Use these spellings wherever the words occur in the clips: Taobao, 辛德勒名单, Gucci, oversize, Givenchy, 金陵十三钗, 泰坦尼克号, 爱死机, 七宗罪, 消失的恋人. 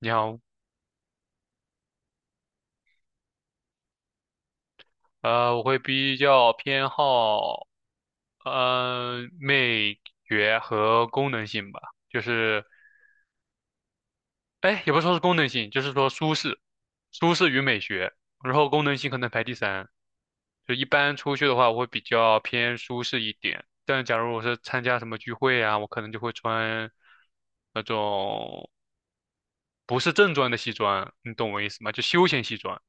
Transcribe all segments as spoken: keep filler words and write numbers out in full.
你好，呃，我会比较偏好，呃，美学和功能性吧，就是，哎，也不说是功能性，就是说舒适，舒适与美学，然后功能性可能排第三。就一般出去的话，我会比较偏舒适一点，但假如我是参加什么聚会啊，我可能就会穿那种不是正装的西装，你懂我意思吗？就休闲西装。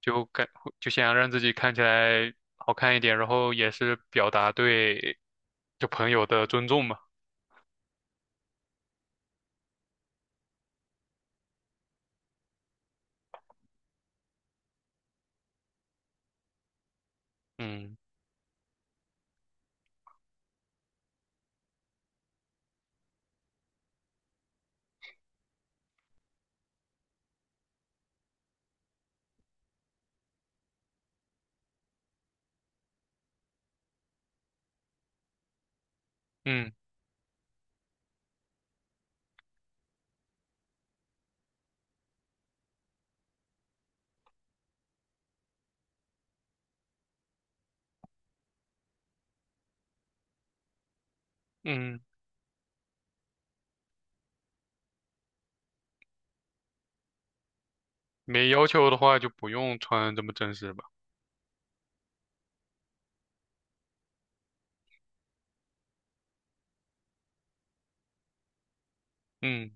就感就想让自己看起来好看一点，然后也是表达对就朋友的尊重嘛。嗯嗯嗯，没要求的话就不用穿这么正式吧。嗯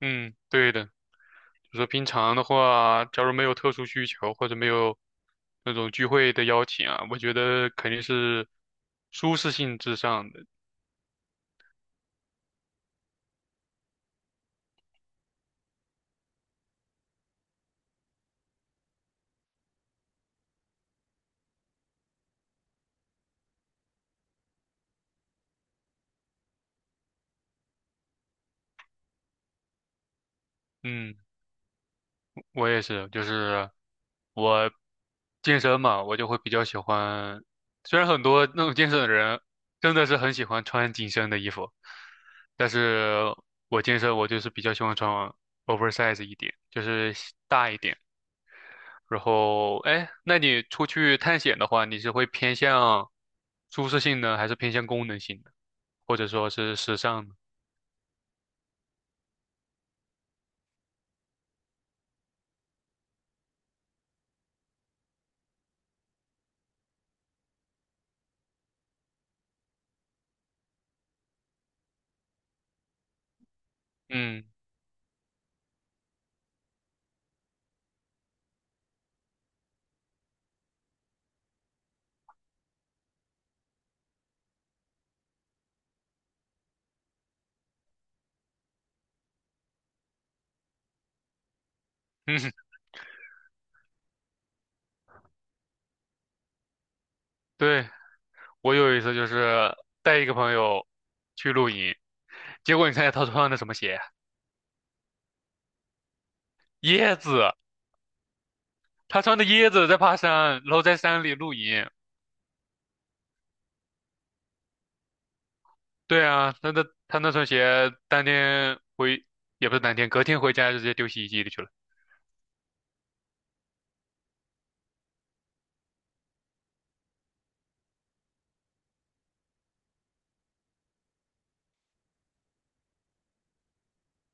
嗯，对的，就说平常的话，假如没有特殊需求或者没有那种聚会的邀请啊，我觉得肯定是舒适性至上的。嗯。我也是，就是我健身嘛，我就会比较喜欢。虽然很多那种健身的人真的是很喜欢穿紧身的衣服，但是我健身我就是比较喜欢穿 oversize 一点，就是西大一点。然后，哎，那你出去探险的话，你是会偏向舒适性呢，还是偏向功能性的，或者说是时尚呢？嗯嗯，对。我有一次就是带一个朋友去露营，结果你猜他穿的什么鞋？椰子，他穿的椰子在爬山，然后在山里露营。对啊，他的他那双鞋当天回，也不是当天，隔天回家就直接丢洗衣机里去了。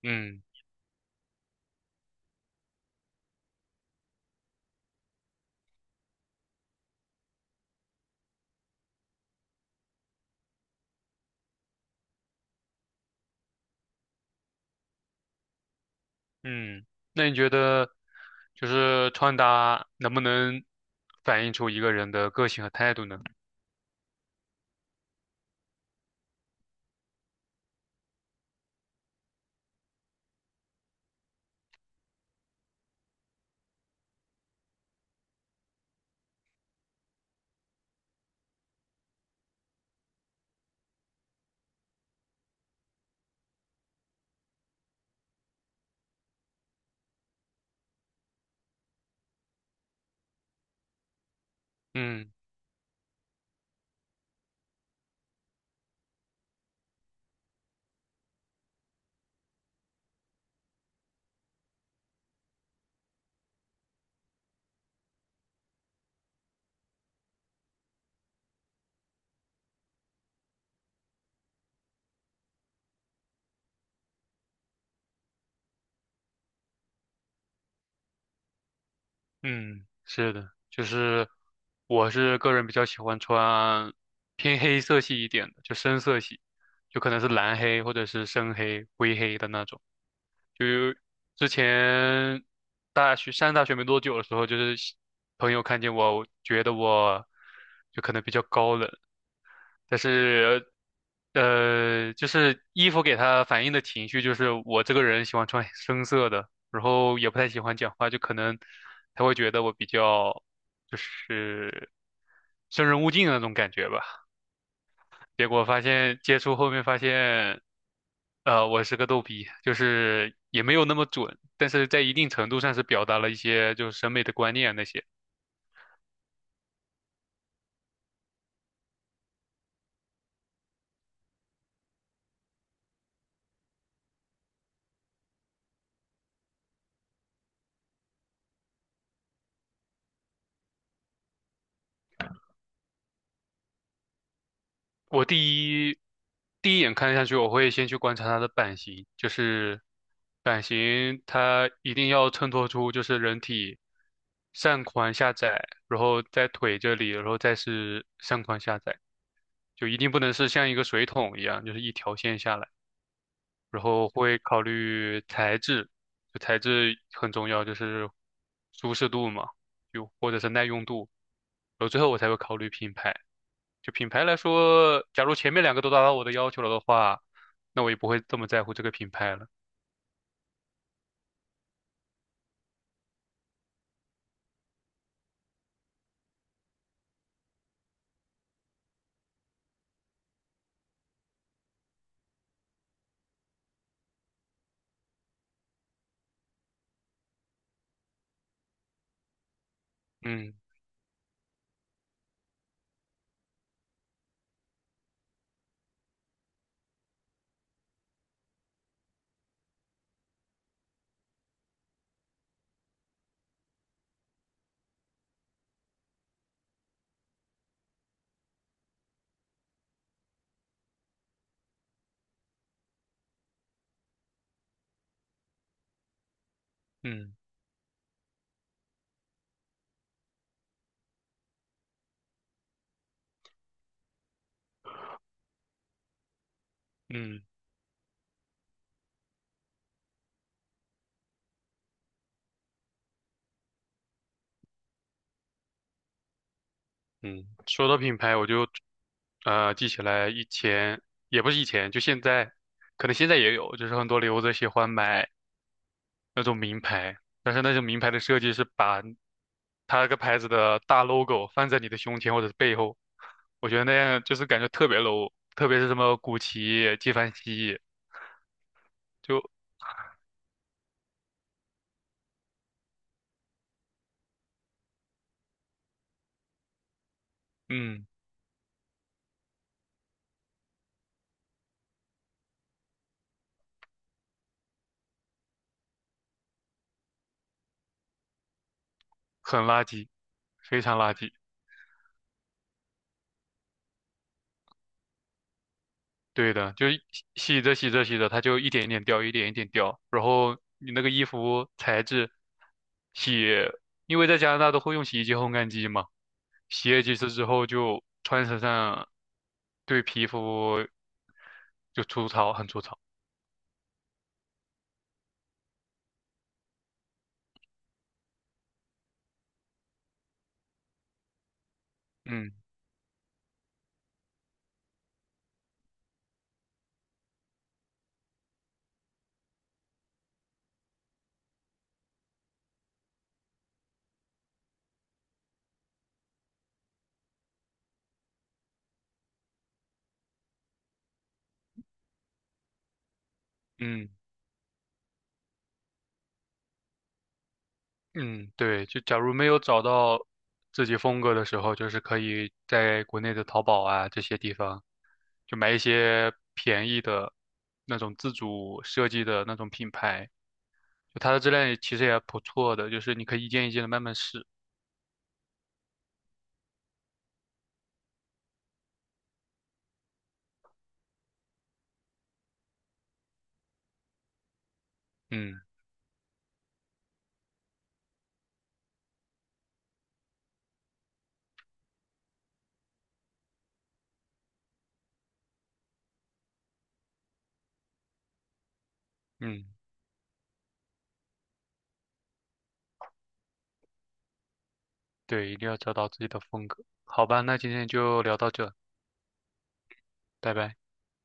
嗯嗯，那你觉得就是穿搭能不能反映出一个人的个性和态度呢？嗯。嗯，是的，就是我是个人比较喜欢穿偏黑色系一点的，就深色系，就可能是蓝黑或者是深黑、灰黑的那种。就之前大学上大学没多久的时候，就是喜朋友看见我，觉得我就可能比较高冷，但是呃，就是衣服给他反映的情绪，就是我这个人喜欢穿深色的，然后也不太喜欢讲话，就可能他会觉得我比较就是生人勿近的那种感觉吧。结果发现接触后面发现，呃，我是个逗逼，就是也没有那么准，但是在一定程度上是表达了一些就是审美的观念那些。我第一第一眼看下去，我会先去观察它的版型，就是版型它一定要衬托出就是人体上宽下窄，然后在腿这里，然后再是上宽下窄，就一定不能是像一个水桶一样，就是一条线下来。然后会考虑材质，就材质很重要，就是舒适度嘛，就或者是耐用度。然后最后我才会考虑品牌。就品牌来说，假如前面两个都达到我的要求了的话，那我也不会这么在乎这个品牌了。嗯嗯嗯嗯，说到品牌，我就呃记起来以前也不是以前，就现在，可能现在也有，就是很多留子喜欢买那种名牌，但是那种名牌的设计是把它那个牌子的大 logo 放在你的胸前或者是背后，我觉得那样就是感觉特别 low，特别是什么古奇、纪梵希，就嗯。很垃圾，非常垃圾。对的，就一洗着洗着洗着，它就一点一点掉，一点一点掉。然后你那个衣服材质，洗，因为在加拿大都会用洗衣机、烘干机嘛，洗了几次之后就穿身上，对皮肤就粗糙，很粗糙。嗯嗯。嗯，对，就假如没有找到自己风格的时候，就是可以在国内的淘宝啊这些地方，就买一些便宜的那种自主设计的那种品牌，就它的质量也其实也不错的，就是你可以一件一件的慢慢试。嗯嗯，对，一定要找到自己的风格。好吧，那今天就聊到这，拜拜。